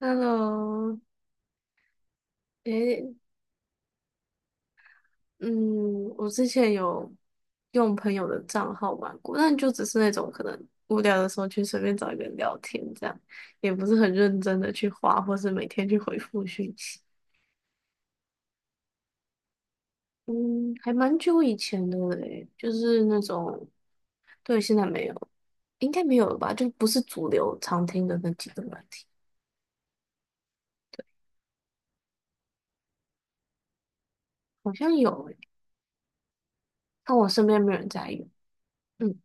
Hello，诶，嗯，我之前有用朋友的账号玩过，但就只是那种可能无聊的时候去随便找一个人聊天，这样也不是很认真的去划，或是每天去回复讯息。嗯，还蛮久以前的嘞，就是那种，对，现在没有，应该没有了吧？就不是主流常听的那几个软题，好像有诶，但我身边没有人在用。嗯，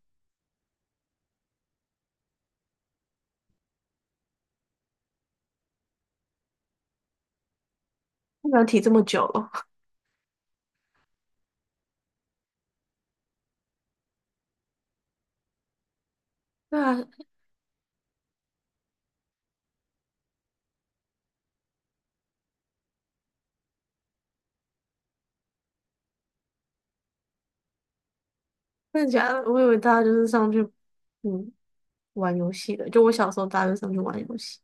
软提这么久了，对啊，真的假的我以为大家就是上去，嗯。玩游戏的，就我小时候大都上去玩游戏，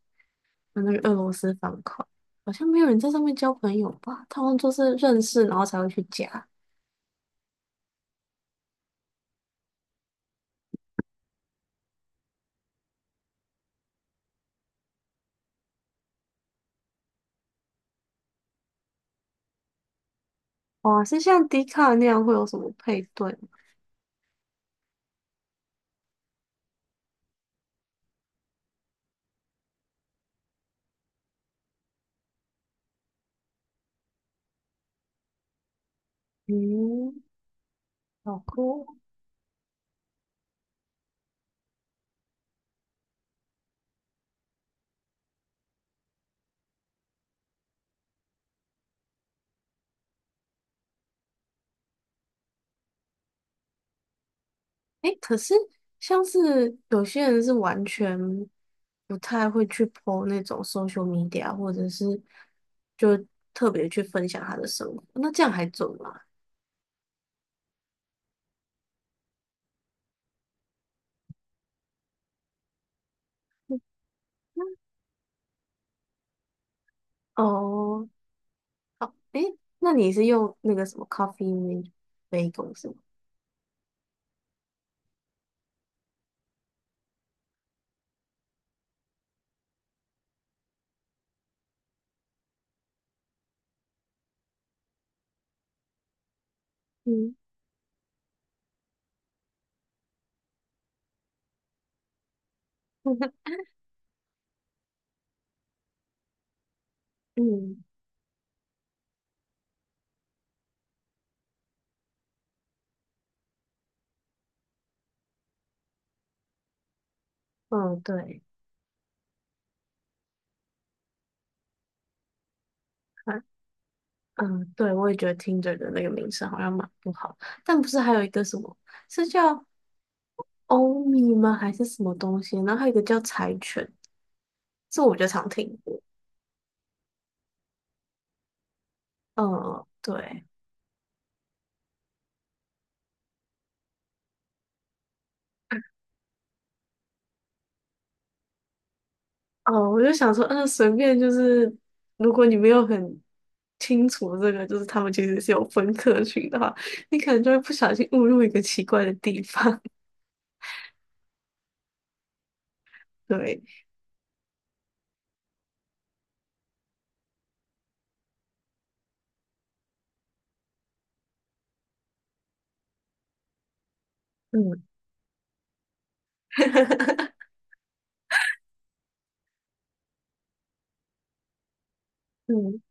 玩那个俄罗斯方块，好像没有人在上面交朋友吧？他们就是认识然后才会去加。哇，是像迪卡那样会有什么配对吗？嗯，好酷哦。诶，可是像是有些人是完全不太会去 po 那种 social media，或者是就特别去分享他的生活，那这样还准吗？哦，哦，诶，那你是用那个什么 Coffee Bagel 是吗？嗯 嗯嗯，对，还对，我也觉得听着的那个名声好像蛮不好，但不是还有一个什么是叫欧米吗？还是什么东西？然后还有一个叫柴犬，这我就常听过。嗯，对，哦，我就想说，嗯，随便就是，如果你没有很清楚这个，就是他们其实是有分科群的话，你可能就会不小心误入一个奇怪的地方。对。嗯 嗯，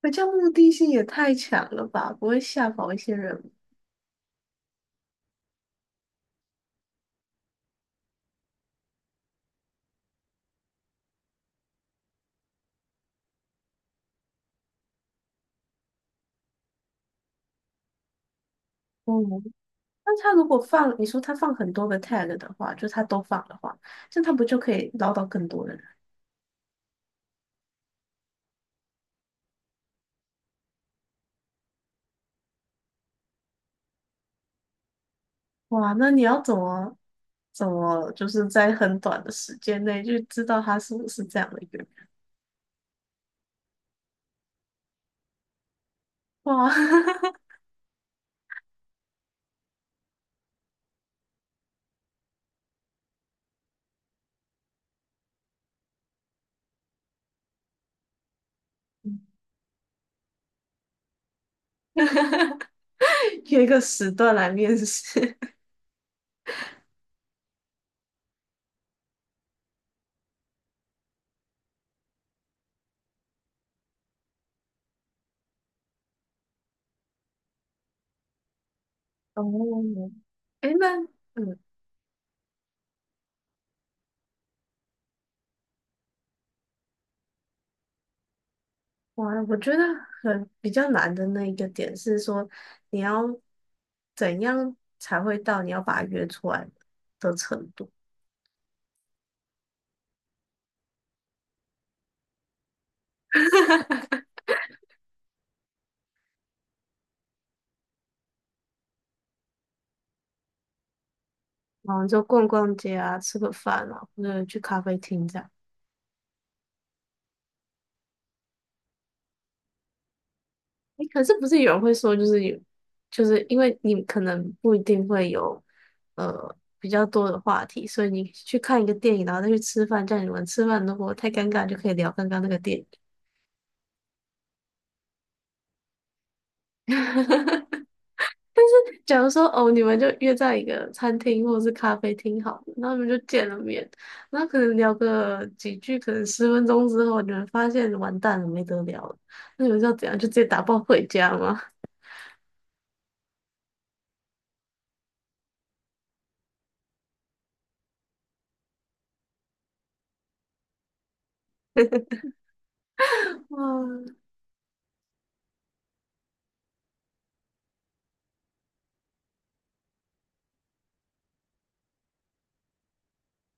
可这样目的性也太强了吧？不会吓跑一些人吗？嗯，那他如果放，你说他放很多个 tag 的话，就他都放的话，这样他不就可以捞到更多的人？哇，那你要怎么就是在很短的时间内就知道他是不是这样的一个人？哇，约一个时段来面试。哦，哎，那嗯。哇，我觉得比较难的那一个点是说，你要怎样才会到你要把他约出来的程度？然后就逛逛街啊，吃个饭啊，或者去咖啡厅这样。不是有人会说，就是有，就是因为你可能不一定会有比较多的话题，所以你去看一个电影，然后再去吃饭，这样你们吃饭如果太尴尬，就可以聊刚刚那个电影。但是，假如说哦，你们就约在一个餐厅或者是咖啡厅好了，然后你们就见了面，那可能聊个几句，可能十分钟之后，你们发现完蛋了，没得聊了，那你们是要怎样？就直接打包回家吗？嗯，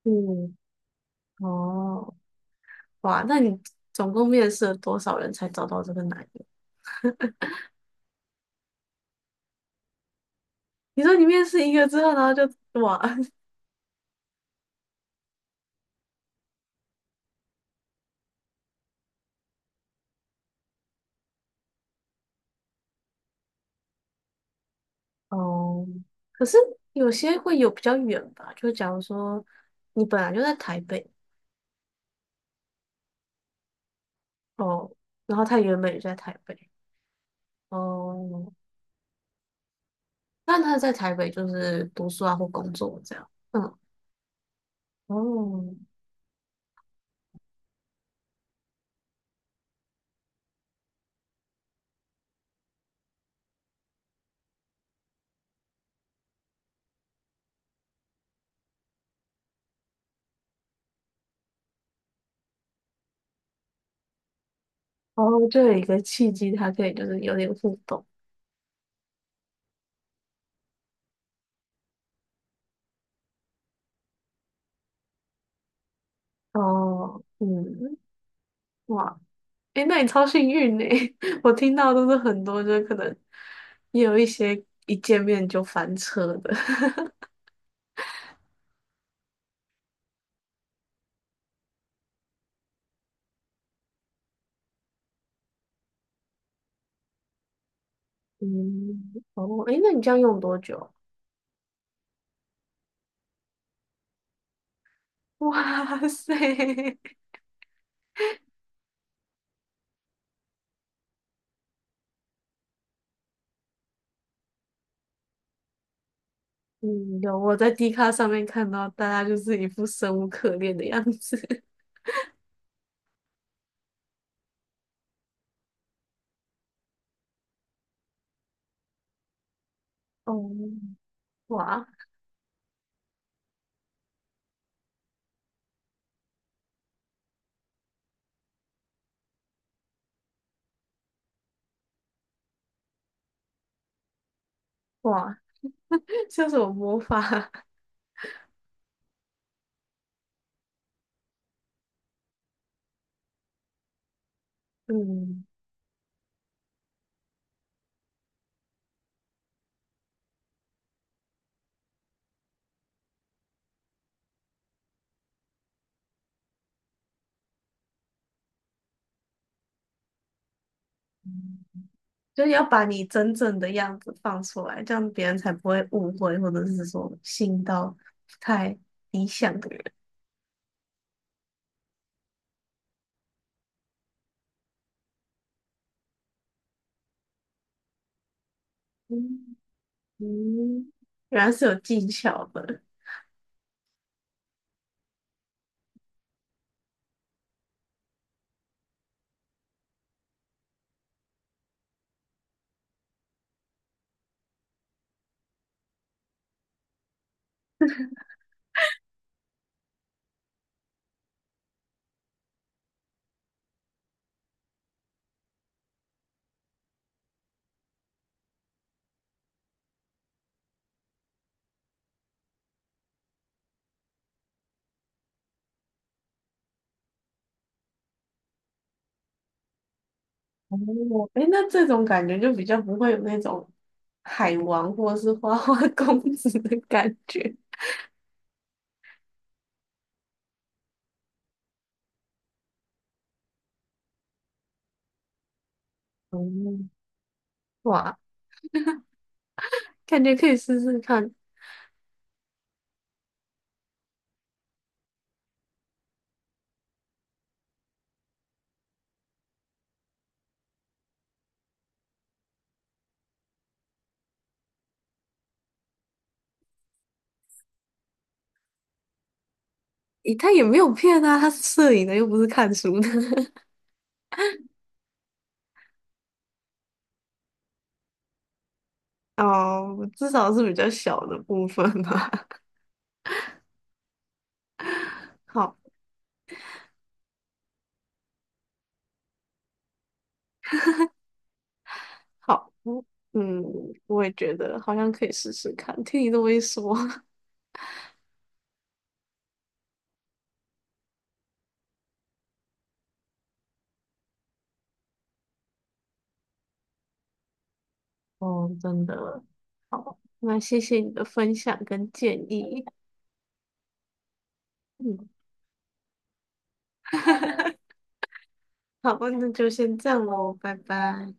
嗯，哦，哇，那你总共面试了多少人才找到这个男友？你说你面试一个之后，然后就哇，哦，可是有些会有比较远吧，就假如说你本来就在台北，哦，然后他原本也在台北，哦，那他在台北就是读书啊或工作这样，嗯，哦，哦，就有一个契机，他可以就是有点互动，哦，嗯，哇，诶，那你超幸运呢，我听到都是很多，就是可能也有一些一见面就翻车的，嗯，哦，诶，那你这样用多久？哇塞！嗯，有我在 d 卡上面看到大家就是一副生无可恋的样子。哦，哇哇，像什么魔法？嗯，就是要把你真正的样子放出来，这样别人才不会误会，或者是说信到不太理想的人。嗯嗯，原来是有技巧的。哦，诶，那这种感觉就比较不会有那种海王或是花花 公子的感觉。嗯，哇，感觉可以试试看。诶，他也没有骗啊，他是摄影的，又不是看书的。哦，至少是比较小的部分吧。好，好，嗯，我也觉得好像可以试试看。听你这么一说，哦，真的，那谢谢你的分享跟建议。嗯，好，那就先这样喽，拜拜。